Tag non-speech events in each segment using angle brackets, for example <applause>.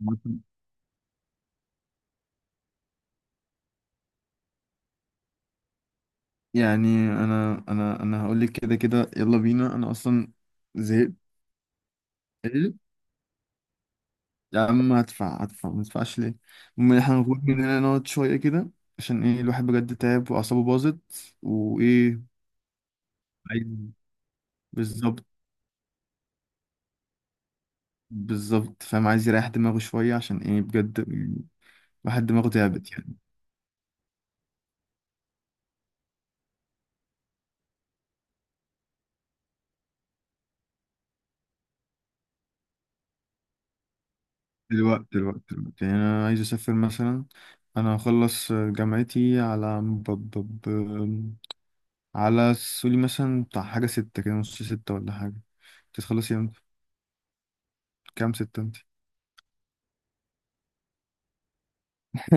مثلاً. يعني انا هقول لك كده كده، يلا بينا. انا اصلا زهقت. ايه؟ يا عم هدفع هدفع، ما تدفعش ليه؟ المهم احنا هنخرج من هنا نقعد شويه كده، عشان ايه؟ الواحد بجد تعب واعصابه باظت، وايه. عايز. بالظبط، بالظبط، فاهم، عايز يريح دماغه شويه، عشان ايه؟ بجد الواحد دماغه تعبت يعني. دلوقتي يعني انا عايز اسافر مثلا. انا هخلص جامعتي على على، سوري، مثلا بتاع حاجة ستة كده، نص ستة ولا حاجة. تخلصي يعني. كام ستة انت؟ <laughs>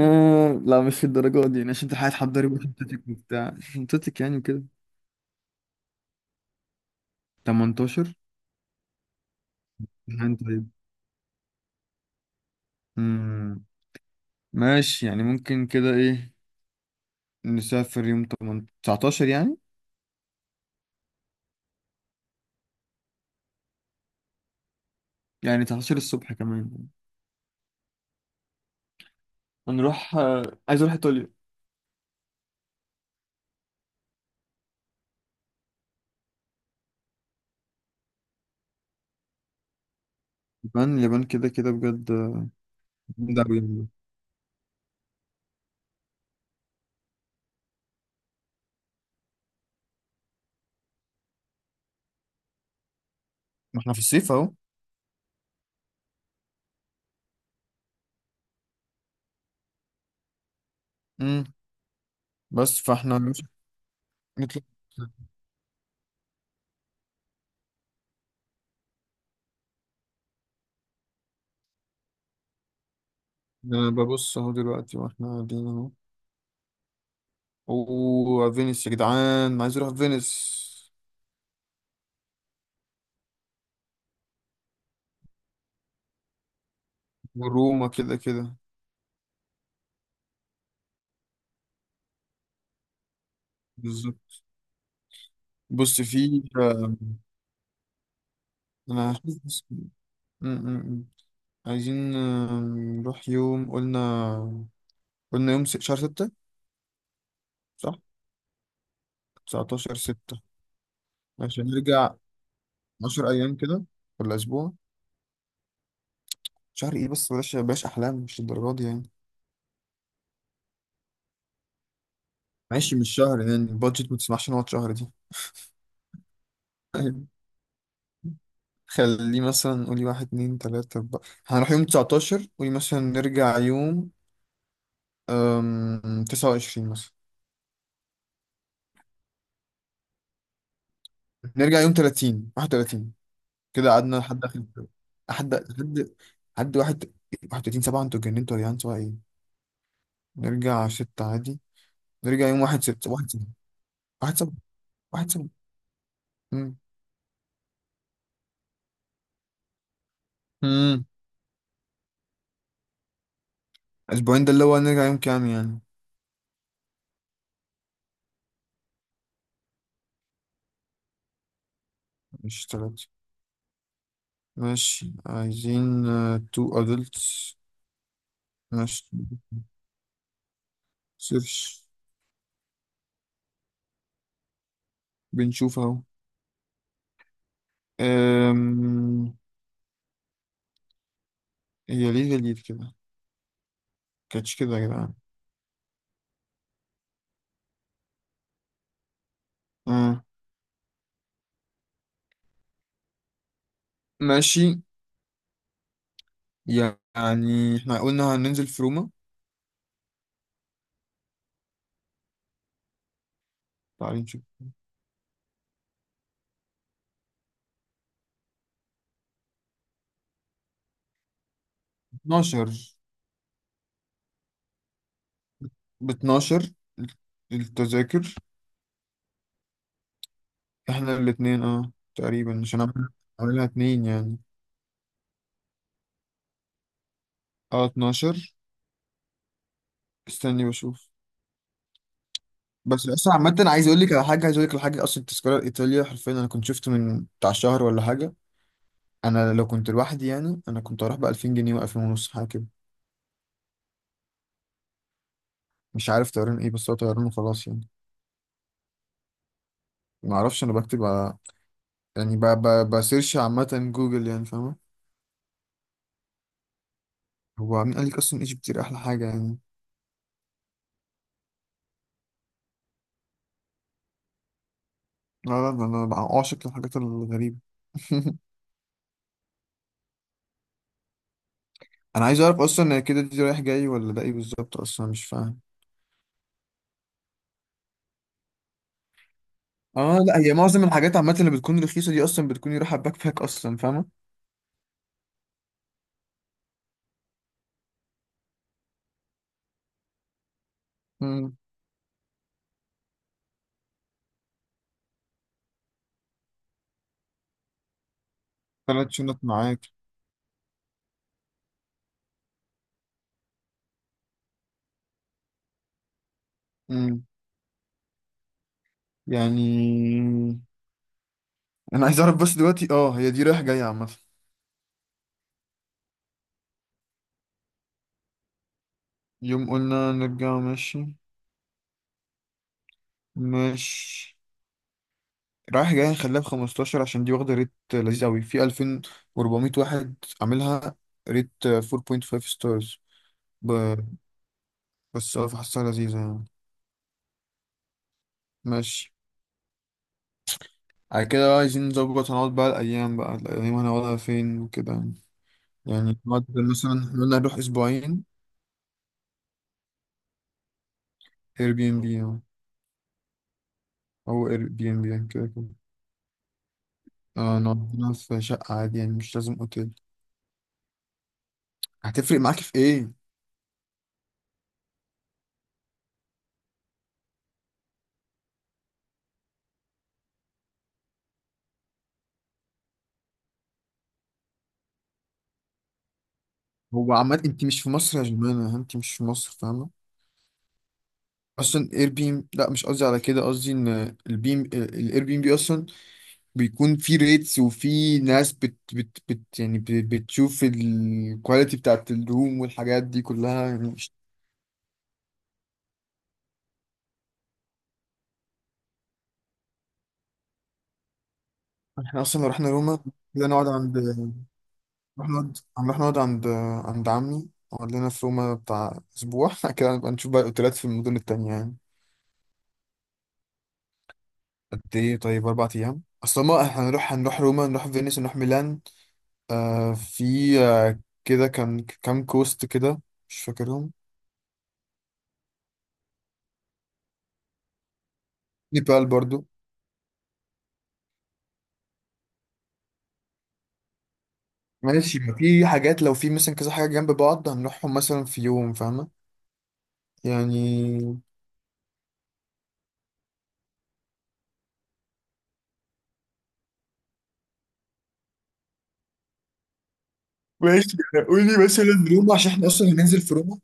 لا مش الدرجات دي يعني، عشان تلحقي تحضري شنطتك وبتاع <laughs> شنطتك يعني كده. 18؟ امتحان طيب. امم ماشي، يعني ممكن كده ايه، نسافر يوم 8 19 يعني. يعني 19 الصبح كمان. هنروح آه، عايز اروح ايطاليا. اليابان، اليابان كده كده بجد آه، جامدة أوي يعني. ما احنا في الصيف اهو. امم بس فاحنا نطلع. انا ببص اهو دلوقتي واحنا قاعدين اهو. اوه فينيس يا جدعان، أنا عايز اروح فينيس. وروما كده كده. بالظبط. بص في آه، انا حاسس- م- م- م. عايزين آه، نروح يوم، قلنا يوم شهر ستة. صح. 19 ستة. عشان نرجع، 10 ايام كده ولا اسبوع؟ شهر ايه بس؟ بلاش بلاش احلام، مش الدرجات دي يعني. ماشي، مش شهر يعني، البادجت ما تسمحش نقعد شهر دي. <laughs> خليه مثلا، قولي واحد اتنين تلاتة أربعة. هنروح يوم 19، قولي مثلا نرجع يوم 29 مثلا. نرجع يوم 30، 31، كده قعدنا لحد آخر الجو. لحد لحد 31/7، انتوا اتجننتوا يا جدعان، سواء ايه. نرجع ستة عادي. نرجع يوم واحد ستة، واحد سبعة واحد سبعة. مم. مم. أسبوعين ده اللي هو نرجع يوم كام يعني؟ مش تلاتة. ماشي، عايزين تو أدلتس. ماشي سيرش، بنشوف اهو. أم... هي ليه جديد كده؟ كانتش كده يا جدعان. أه. ماشي يعني، احنا قلنا هننزل في روما. تعالي نشوف. 12؟ ب 12 التذاكر. احنا الاتنين اه تقريبا، عشان اعملها اتنين يعني. اه 12. استني بشوف. بس اصلا عامة، عايز اقول لك على حاجة. اصلا التذكرة الايطالية حرفيا، انا كنت شفت من بتاع شهر ولا حاجة. انا لو كنت لوحدي يعني، انا كنت هروح ب 2000 جنيه و2000 ونص حاجة كده. مش عارف طيران ايه، بس هو طيران وخلاص يعني. ما اعرفش، انا بكتب على، يعني بسيرش عامه جوجل يعني، فاهمه. هو مين قال لك اصلا ايجيبت دي احلى حاجه يعني؟ لا، لا، ده انا بقى عاشق للحاجات الغريبه. <laughs> انا عايز اعرف اصلا كده، دي رايح جاي ولا ده ايه بالظبط، اصلا مش فاهم. اه، لا هي معظم الحاجات عامه اللي بتكون رخيصه دي اصلا بتكون رايحه باك باك، اصلا فاهمه. امم ثلاث شنط معاك؟ امم يعني انا عايز اعرف بس دلوقتي، اه هي دي رايح جاي عامه. يوم قلنا نرجع ماشي. ماشي، رايح جاي، خليها ب 15 عشان دي واخده ريت لذيذ قوي في 2400 واحد، عاملها ريت 4.5 ستارز. ب... بس اه فحسها لذيذه يعني. ماشي. على كده بقى عايزين نظبط، هنقعد بقى الايام، بقى الايام هنقعدها فين وكده يعني. يعني نقعد، مثلا إحنا قلنا نروح اسبوعين. اير بي ام بي او اير بي ام بي يعني كده كده. اه نقعد هنا في شقه عادي يعني، مش لازم اوتيل. هتفرق معاك في ايه؟ هو عمال، انت مش في مصر يا جماعه، انت مش في مصر فاهمه. اصلا اير بي ام، لا مش قصدي على كده، قصدي ان البيم الاير بي ام بي اصلا بيكون في ريتس، وفي ناس بت يعني بتشوف الكواليتي بتاعت الروم والحاجات دي كلها يعني يعني احنا اصلا لو رحنا روما، كده نقعد عند رحنا نقعد رحنا نقعد عند عند عمي، قعد لنا في روما بتاع اسبوع. <laughs> كده نبقى نشوف بقى الاوتيلات في المدن التانية يعني. قد ايه طيب؟ 4 ايام اصلا، ما احنا هنروح روما، نروح فينيس، نروح ميلان. آه في، آه كده كان كام كوست كده، مش فاكرهم. نيبال برضو. ماشي، ما في حاجات لو في مثلا كذا حاجة جنب بعض هنروحهم مثلا في يوم، فاهمة يعني. ماشي. قولي مثلا روما، عشان احنا اصلا هننزل في روما.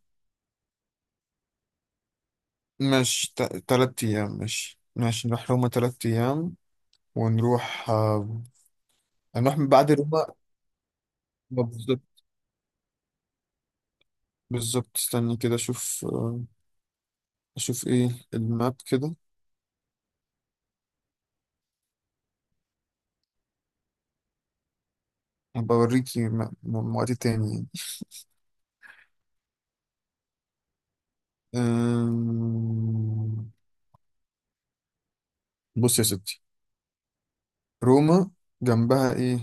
مش 3 أيام؟ ماشي، ماشي نروح روما 3 أيام. ونروح آه، هنروح من بعد روما آه، بالظبط، بالظبط، استني كده أشوف. آه أشوف إيه الماب كده. هبقى أوريكي وقت تاني. أم... بص يا ستي. روما، جنبها ايه؟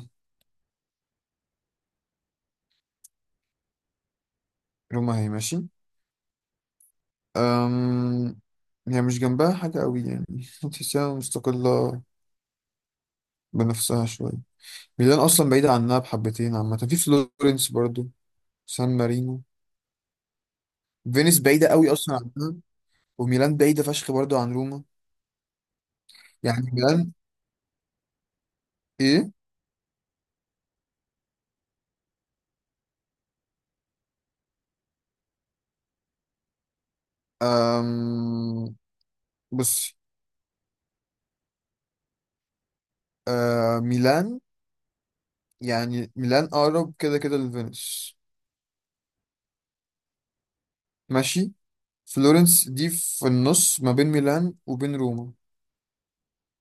روما هي ماشي. أم... هي مش جنبها حاجة قوي يعني. <laughs> تحسها مستقلة بنفسها شوية. ميلان أصلا بعيدة عنها بحبتين عامة. في فلورنس برضو، سان مارينو. فينيس بعيدة قوي أصلا عنها. وميلان بعيدة فشخ برضو عن روما. يعني ميلان، إيه. أم... بص، آه ميلان. يعني ميلان أقرب كده كده لفينيس. ماشي. فلورنس دي في النص ما بين ميلان وبين روما.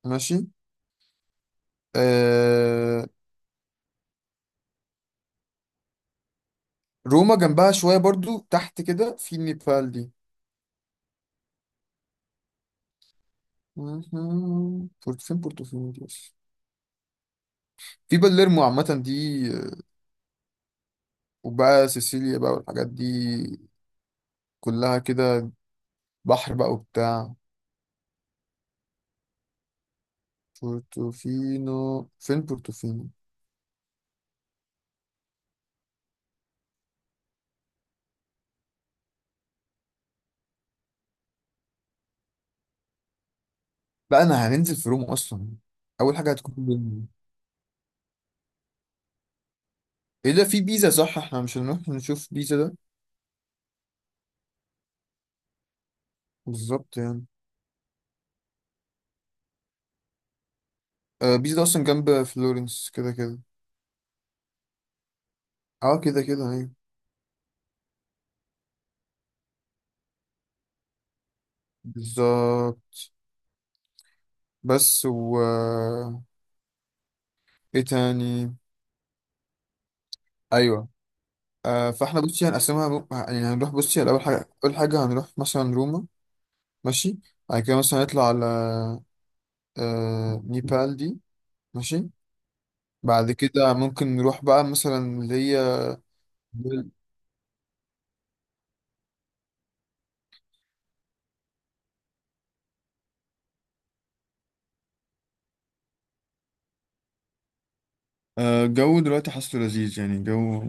ماشي آه. روما جنبها شوية برضو تحت كده، في نيبال دي. مهم. فين بورتوفينو دي بس؟ في باليرمو عامة دي آه، وبقى سيسيليا بقى، والحاجات دي كلها كده، بحر بقى وبتاع. بورتوفينو، فين بورتوفينو؟ بقى انا هننزل في روما اصلا، اول حاجة هتكون بيلمو. ايه ده، في بيزا صح، احنا مش هنروح نشوف بيزا ده؟ بالظبط يعني آه، بيس ده اصلا جنب فلورنس كده كده. اه كده كده ايوه. بالظبط. بس و، ايه تاني، ايوه. آه، فاحنا بصي هنقسمها يعني هنروح بصي على اول حاجه هنروح مثلا روما. ماشي. بعد كده مثلا هنطلع على آه نيبال دي. ماشي. بعد كده ممكن نروح بقى مثلا اللي هي آه، الجو دلوقتي حاسه لذيذ يعني جو.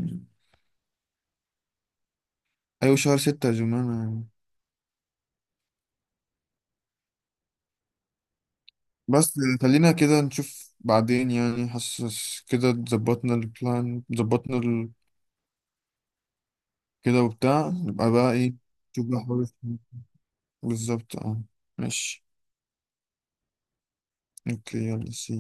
أيوة شهر ستة يا جماعة. بس خلينا كده نشوف بعدين يعني. حاسس كده ظبطنا البلان، ظبطنا كده وبتاع، نبقى بقى ايه. نشوف بقى حوار الفلوس. بالظبط اه. ماشي اوكي يلا سي.